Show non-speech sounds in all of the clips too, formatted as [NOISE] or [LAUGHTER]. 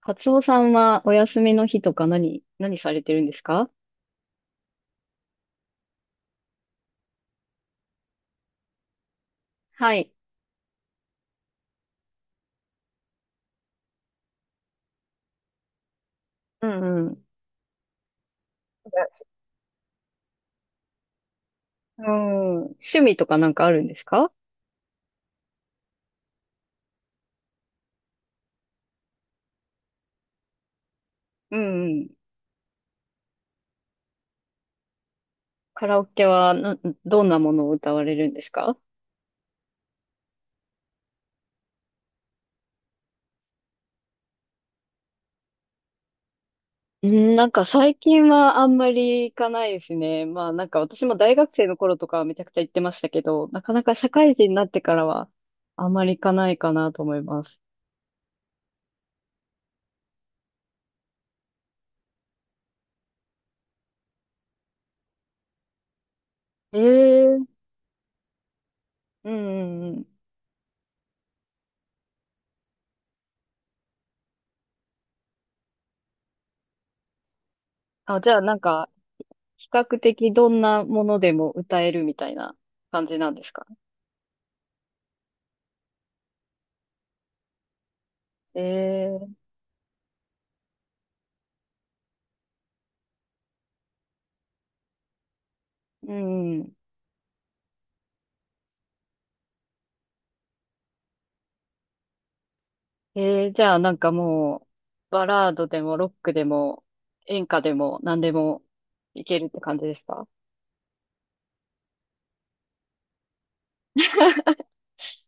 カツオさんはお休みの日とか何されてるんですか？はい。うんうん。うん。趣味とかなんかあるんですか？うんうん。カラオケはな、どんなものを歌われるんですか？うん、なんか最近はあんまり行かないですね。まあなんか私も大学生の頃とかはめちゃくちゃ行ってましたけど、なかなか社会人になってからはあんまり行かないかなと思います。ええ。うんうんうん。あ、じゃあなんか比較的どんなものでも歌えるみたいな感じなんですか？ええ。うん。じゃあなんかもう、バラードでもロックでも演歌でも何でもいけるって感じですか？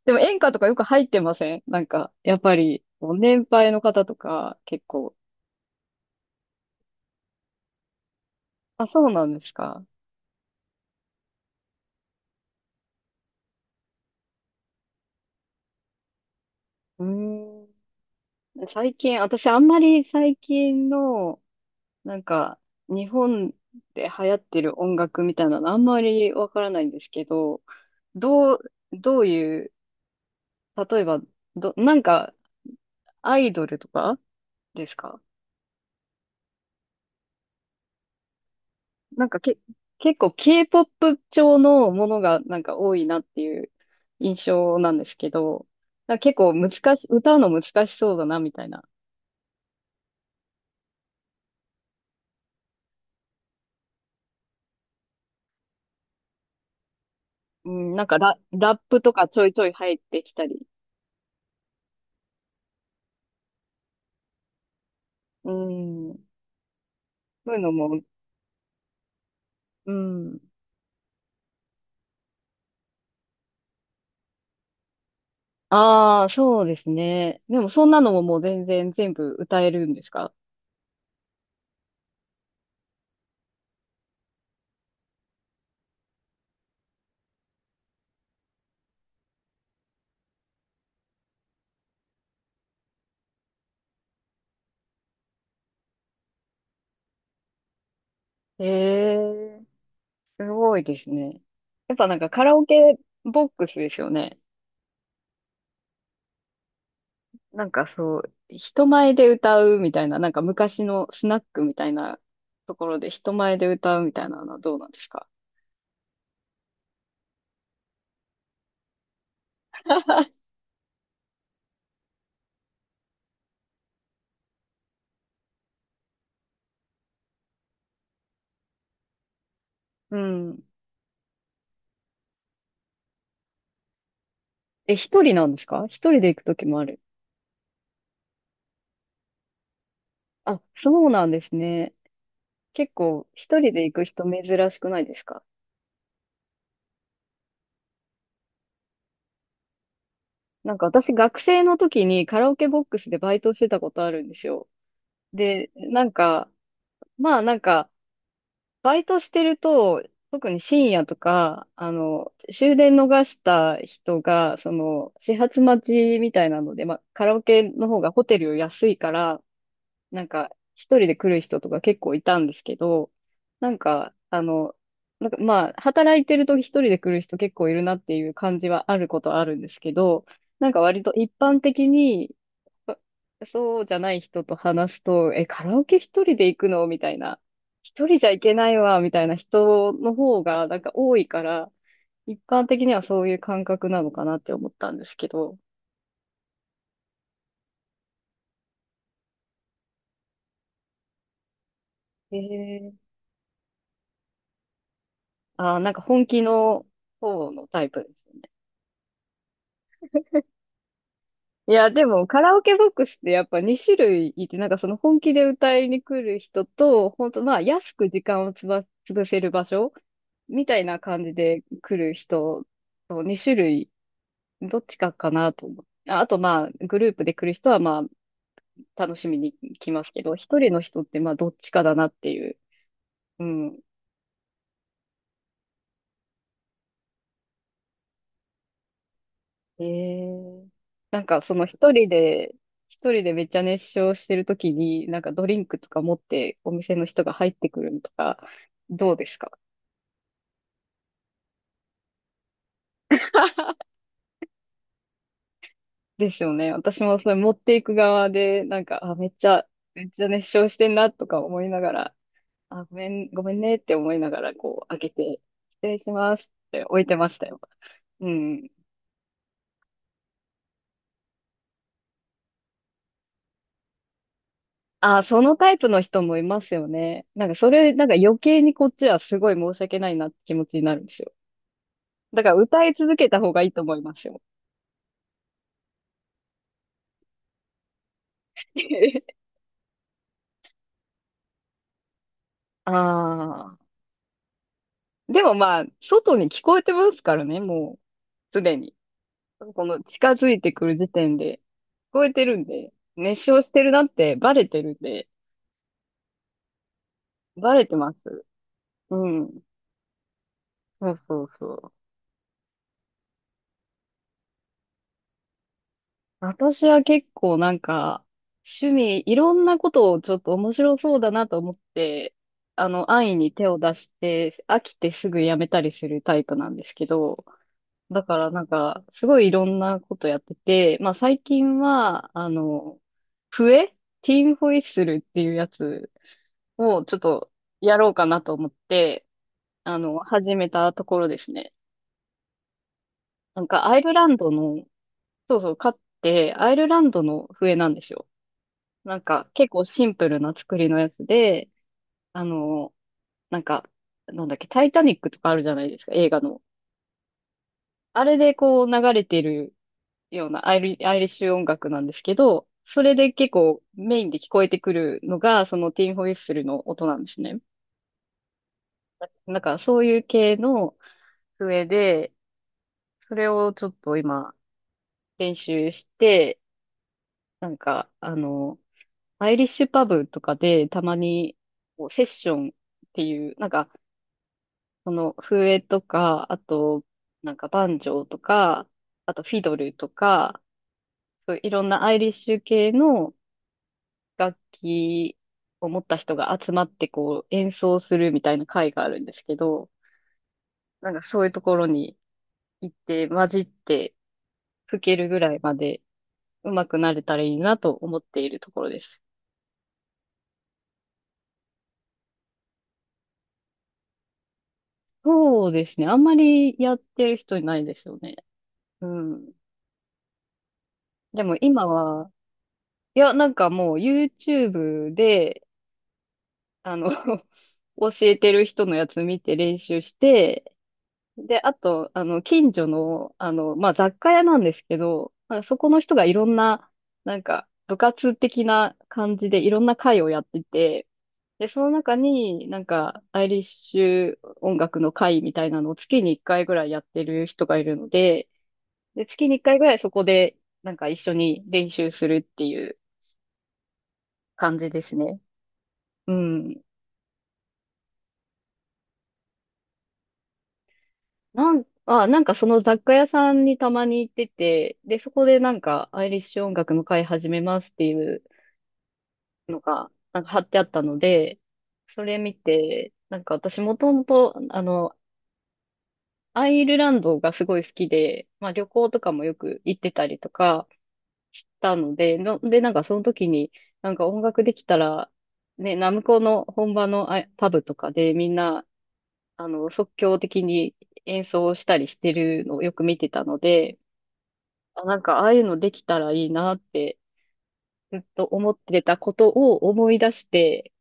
でも演歌とかよく入ってませんなんか、やっぱり、もう年配の方とか結構。あ、そうなんですか。うーん。最近、私あんまり最近のなんか、日本で流行ってる音楽みたいなのあんまりわからないんですけど、どう、どういう、例えば、なんか、アイドルとかですか？なんかけ、結構 K-POP 調のものがなんか多いなっていう印象なんですけど、なんか結構歌うの難しそうだなみたいな。うん、なんかラップとかちょいちょい入ってきたり。うん、そういうのも、うん。ああ、そうですね。でもそんなのももう全然全部歌えるんですか？ええ、すごいですね。やっぱなんかカラオケボックスですよね。なんかそう、人前で歌うみたいな、なんか昔のスナックみたいなところで人前で歌うみたいなのはどうなんですか？うん。え、一人なんですか？一人で行くときもある。あ、そうなんですね。結構一人で行く人珍しくないですか？なんか私学生の時にカラオケボックスでバイトしてたことあるんですよ。で、なんか、まあなんか、バイトしてると、特に深夜とか、終電逃した人が、始発待ちみたいなので、まあカラオケの方がホテルより安いから、なんか、一人で来る人とか結構いたんですけど、なんか、なんかまあ、働いてると一人で来る人結構いるなっていう感じはあることはあるんですけど、なんか割と一般的に [LAUGHS] そそうじゃない人と話すと、え、カラオケ一人で行くのみたいな。一人じゃ行けないわ、みたいな人の方が、なんか多いから、一般的にはそういう感覚なのかなって思ったんですけど。えー、あー、なんか本気の方のタイプですね。いや、でもカラオケボックスってやっぱ2種類いて、なんかその本気で歌いに来る人と、本当まあ安く時間を潰せる場所みたいな感じで来る人と2種類どっちかかなと思って。ああとまあ、グループで来る人はまあ、楽しみに来ますけど、一人の人ってまあ、どっちかだなっていう。うん。ええ。なんか一人でめっちゃ熱唱してるときに、なんかドリンクとか持ってお店の人が入ってくるのとか、どうですか？ですよね。私もそれ持っていく側で、なんか、あ、めっちゃ熱唱してんなとか思いながら、あ、ごめん、ごめんねって思いながら、こう、開けて、失礼しますって置いてましたよ。うん。あ、そのタイプの人もいますよね。なんかそれ、なんか余計にこっちはすごい申し訳ないなって気持ちになるんですよ。だから歌い続けた方がいいと思いますよ。[LAUGHS] ああ。でもまあ、外に聞こえてますからね、もう、すでに。この近づいてくる時点で、聞こえてるんで、熱唱してるなってバレてるんで、バレてます。うん。そうそうそう。私は結構なんか、趣味、いろんなことをちょっと面白そうだなと思って、安易に手を出して、飽きてすぐやめたりするタイプなんですけど、だからなんか、すごいいろんなことやってて、まあ最近は、笛ティーンホイッスルっていうやつをちょっとやろうかなと思って、始めたところですね。なんかアイルランドの、そうそう、買って、アイルランドの笛なんですよ。なんか、結構シンプルな作りのやつで、あの、なんか、なんだっけ、タイタニックとかあるじゃないですか、映画の。あれでこう流れてるようなアイリッシュ音楽なんですけど、それで結構メインで聞こえてくるのが、そのティンホイッスルの音なんですね。なんか、そういう系の笛で、それをちょっと今、練習して、なんか、アイリッシュパブとかでたまにこうセッションっていう、なんか、その笛とか、あと、なんかバンジョーとか、あとフィドルとか、そういろんなアイリッシュ系の楽器を持った人が集まってこう演奏するみたいな会があるんですけど、なんかそういうところに行って混じって吹けるぐらいまで上手くなれたらいいなと思っているところです。そうですね。あんまりやってる人いないですよね。うん。でも今は、いや、なんかもう YouTube で、あの、[LAUGHS] 教えてる人のやつ見て練習して、で、あと、近所の、まあ、雑貨屋なんですけど、まあ、そこの人がいろんな、なんか、部活的な感じでいろんな会をやってて、で、その中になんか、アイリッシュ音楽の会みたいなのを月に1回ぐらいやってる人がいるので、で、月に1回ぐらいそこで、なんか一緒に練習するっていう感じですね。うん。なんかその雑貨屋さんにたまに行ってて、で、そこでなんかアイリッシュ音楽の会始めますっていうのが、なんか貼ってあったので、それ見て、なんか私もともと、アイルランドがすごい好きで、まあ旅行とかもよく行ってたりとかしたので、で、なんかその時に、なんか音楽できたら、ね、ナムコの本場のあパブとかでみんな、即興的に演奏したりしてるのをよく見てたので、あ、なんか、ああいうのできたらいいなって、ずっと思ってたことを思い出して、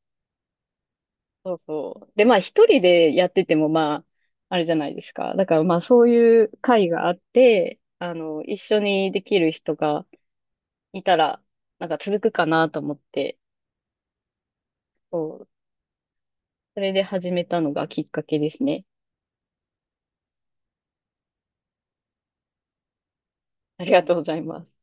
そうそう。で、まあ、一人でやってても、まあ、あれじゃないですか。だから、まあ、そういう会があって、一緒にできる人がいたら、なんか続くかなと思って、そう。それで始めたのがきっかけですね。ありがとうございます。